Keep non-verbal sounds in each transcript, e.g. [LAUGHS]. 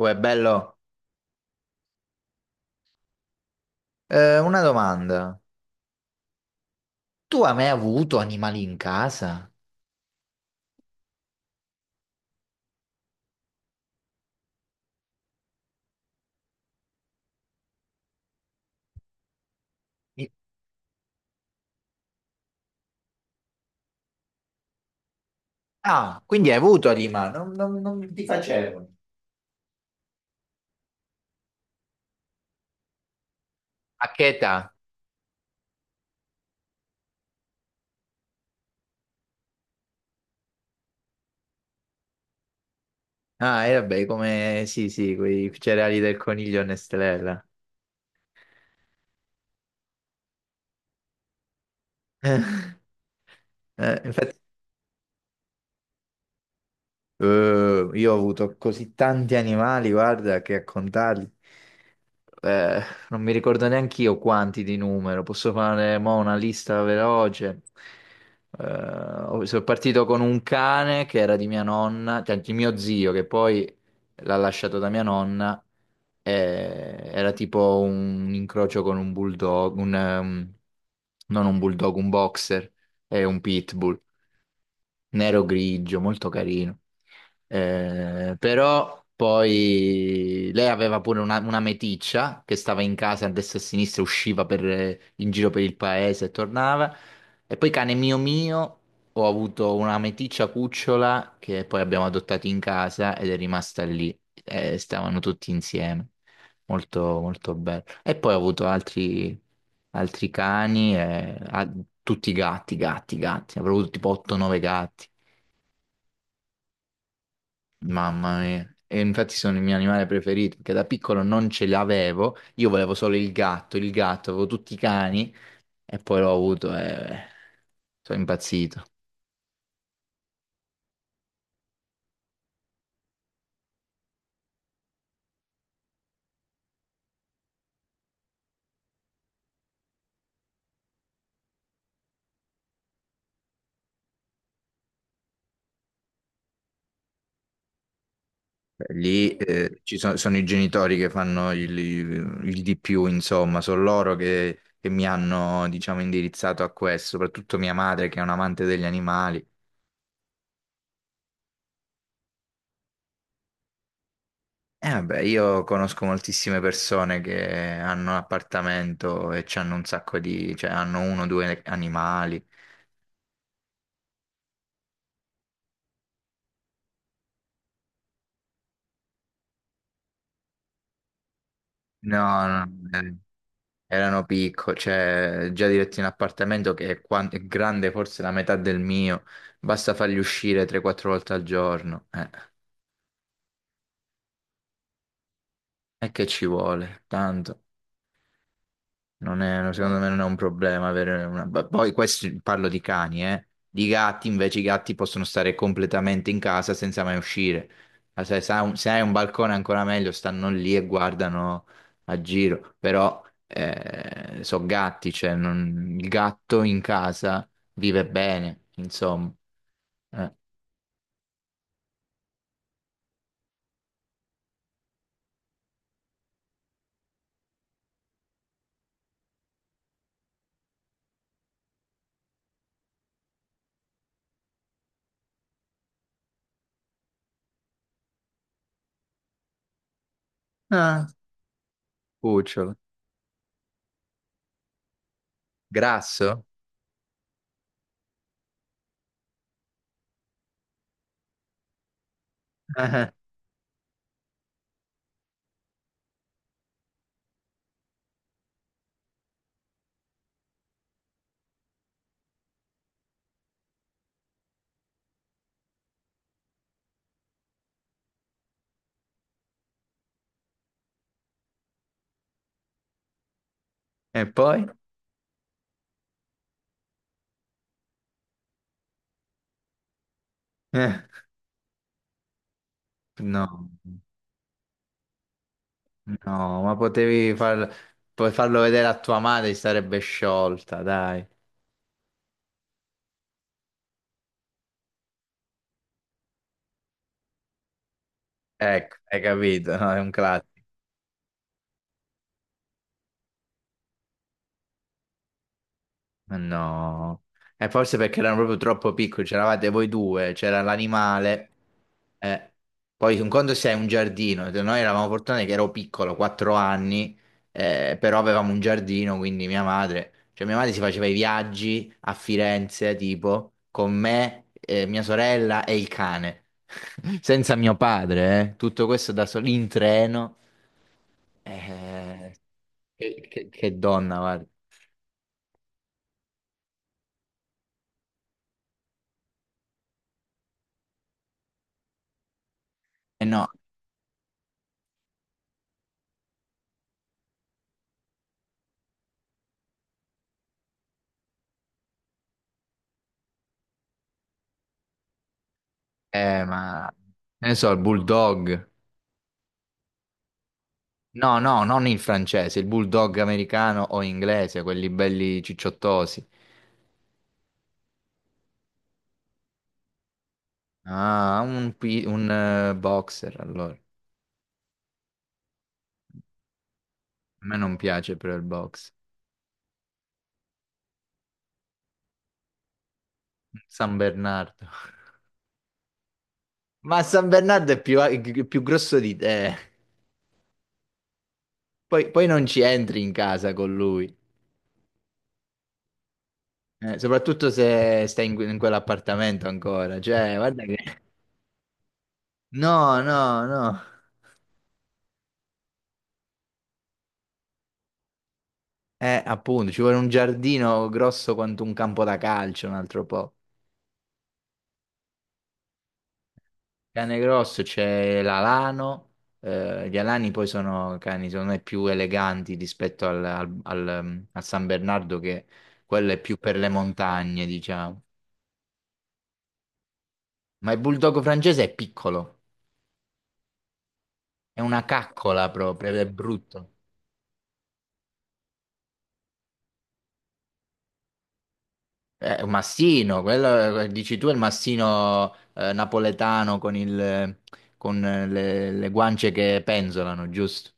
Uè, bello. Una domanda. Tu hai mai avuto animali in casa? I- Ah, quindi hai avuto animali? Non ti facevo. A che età? Ah, e vabbè, come sì, sì, quei cereali del coniglio Nestrella. [LAUGHS] Infatti, io ho avuto così tanti animali, guarda, che a contarli. Eh, Non mi ricordo neanche io quanti di numero, posso fare mo, una lista veloce. Sono partito con un cane che era di mia nonna, cioè di mio zio, che poi l'ha lasciato da mia nonna. Era tipo un incrocio con un bulldog, non un bulldog, un boxer e un pitbull nero grigio, molto carino. Però poi lei aveva pure una meticcia che stava in casa a destra e a sinistra, usciva in giro per il paese e tornava. E poi cane mio mio, ho avuto una meticcia cucciola che poi abbiamo adottato in casa ed è rimasta lì. Stavano tutti insieme. Molto, molto bello. E poi ho avuto altri cani, tutti gatti, gatti, gatti. Avrò avuto tipo 8-9 gatti. Mamma mia. E infatti sono il mio animale preferito, perché da piccolo non ce l'avevo, io volevo solo il gatto, avevo tutti i cani e poi l'ho avuto e sono impazzito. Lì, sono i genitori che fanno il di più, insomma, sono loro che mi hanno, diciamo, indirizzato a questo, soprattutto mia madre che è un amante degli animali. E vabbè, io conosco moltissime persone che hanno un appartamento e ci hanno un sacco di, cioè hanno uno o due animali. No, no, eh, erano piccoli, cioè già diretti in appartamento che è, è grande forse la metà del mio, basta farli uscire 3-4 volte al giorno, e che ci vuole, tanto. Non è- No, secondo me non è un problema avere una, poi questi, parlo di cani, eh. Di gatti, invece i gatti possono stare completamente in casa senza mai uscire. Ma se hai un balcone ancora meglio, stanno lì e guardano a giro. Però, sono gatti, cioè il gatto in casa vive bene, insomma. Eh. Ah, cucciolo. Grasso? [LAUGHS] E poi? Eh, No. No, puoi farlo vedere a tua madre, si sarebbe sciolta, dai. Ecco, hai capito, no? È un classico. No, e forse perché erano proprio troppo piccoli, c'eravate voi due, c'era l'animale. Eh, Poi un conto se hai un giardino, noi eravamo fortunati che ero piccolo, 4 anni, però avevamo un giardino, quindi mia madre, cioè mia madre si faceva i viaggi a Firenze, tipo, con me, mia sorella e il cane, [LAUGHS] senza mio padre, eh. Tutto questo da soli in treno, eh, che donna, guarda. Eh no. Ma che ne so, il bulldog. No, no, non il francese, il bulldog americano o inglese, quelli belli cicciottosi. Ah, un, boxer allora. A me non piace però il box. San Bernardo. [LAUGHS] Ma San Bernardo è più grosso di te. Poi non ci entri in casa con lui. Soprattutto se stai in, in quell'appartamento ancora. Cioè, guarda che. No, no, no. Appunto, ci vuole un giardino grosso quanto un campo da calcio, un altro po'. Cane grosso c'è l'alano, gli alani poi sono cani, secondo me, più eleganti rispetto al San Bernardo, che quello è più per le montagne, diciamo. Ma il bulldog francese è piccolo, è una caccola proprio, ed è brutto. È un mastino, quello, dici tu è il mastino, napoletano con le guance che penzolano, giusto?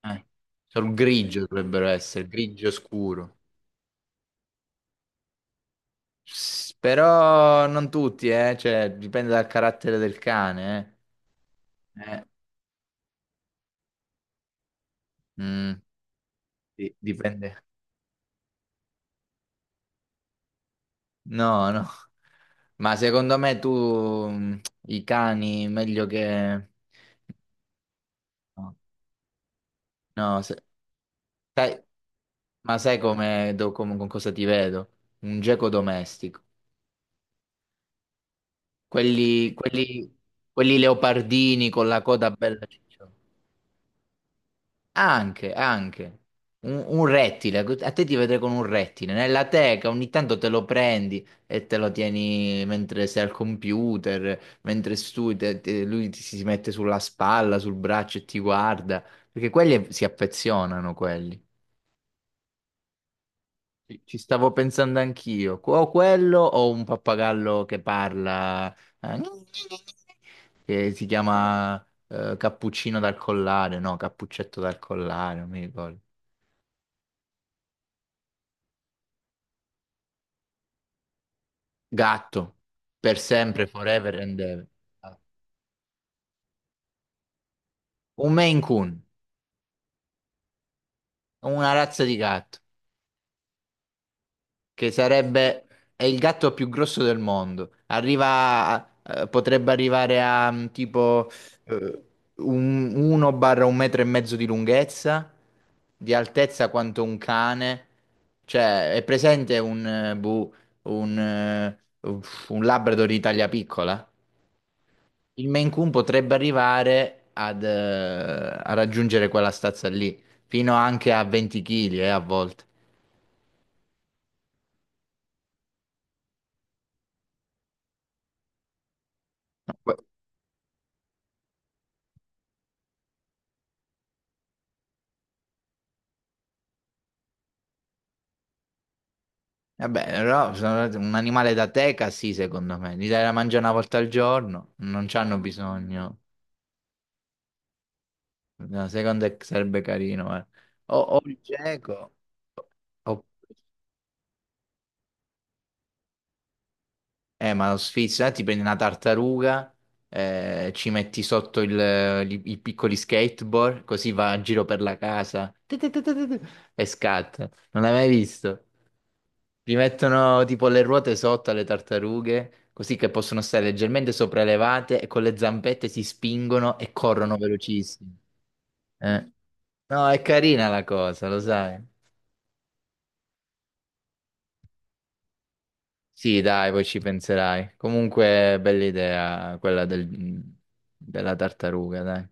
Eh, Sono grigio dovrebbero essere, grigio scuro. Però non tutti, cioè, dipende dal carattere del cane, eh. Eh, mm, Dipende. No, no. Ma secondo me tu, mm, i cani meglio che. No, no, sai- ma sai con cosa ti vedo? Un geco domestico. Quelli, quelli, quelli leopardini con la coda bella ciccia. Anche, anche. Un rettile, ecco, a te ti vedrei con un rettile, nella teca ogni tanto te lo prendi e te lo tieni mentre sei al computer, mentre studi, lui ti, si mette sulla spalla, sul braccio e ti guarda, perché quelli si affezionano, quelli. Ci stavo pensando anch'io. O quello o un pappagallo che parla, eh, che si chiama, cappuccino dal collare, no, cappuccetto dal collare, non mi ricordo. Gatto, per sempre, forever and ever. Un Maine Coon, una razza di gatto, che sarebbe, è il gatto più grosso del mondo. Arriva, potrebbe arrivare a, tipo, eh, un 1 barra un metro e mezzo di lunghezza, di altezza quanto un cane. Cioè, è presente un, un, eh, un Labrador di taglia piccola? Il Maine Coon potrebbe arrivare a raggiungere quella stazza lì, fino anche a 20 kg, a volte. Poi- Vabbè, però, un animale da teca, sì, secondo me. Gli dai da mangiare una volta al giorno, non c'hanno bisogno. No, secondo me sarebbe carino, eh. O il geco. o- ma lo sfizi, là ti prendi una tartaruga, ci metti sotto i piccoli skateboard, così va a giro per la casa. Ti, e scatta. Non l'hai mai visto? Gli mettono tipo le ruote sotto alle tartarughe, così che possono stare leggermente sopraelevate e con le zampette si spingono e corrono velocissimi. Eh. No, è carina la cosa, lo sai. Sì, dai, poi ci penserai. Comunque, bella idea quella della tartaruga, dai.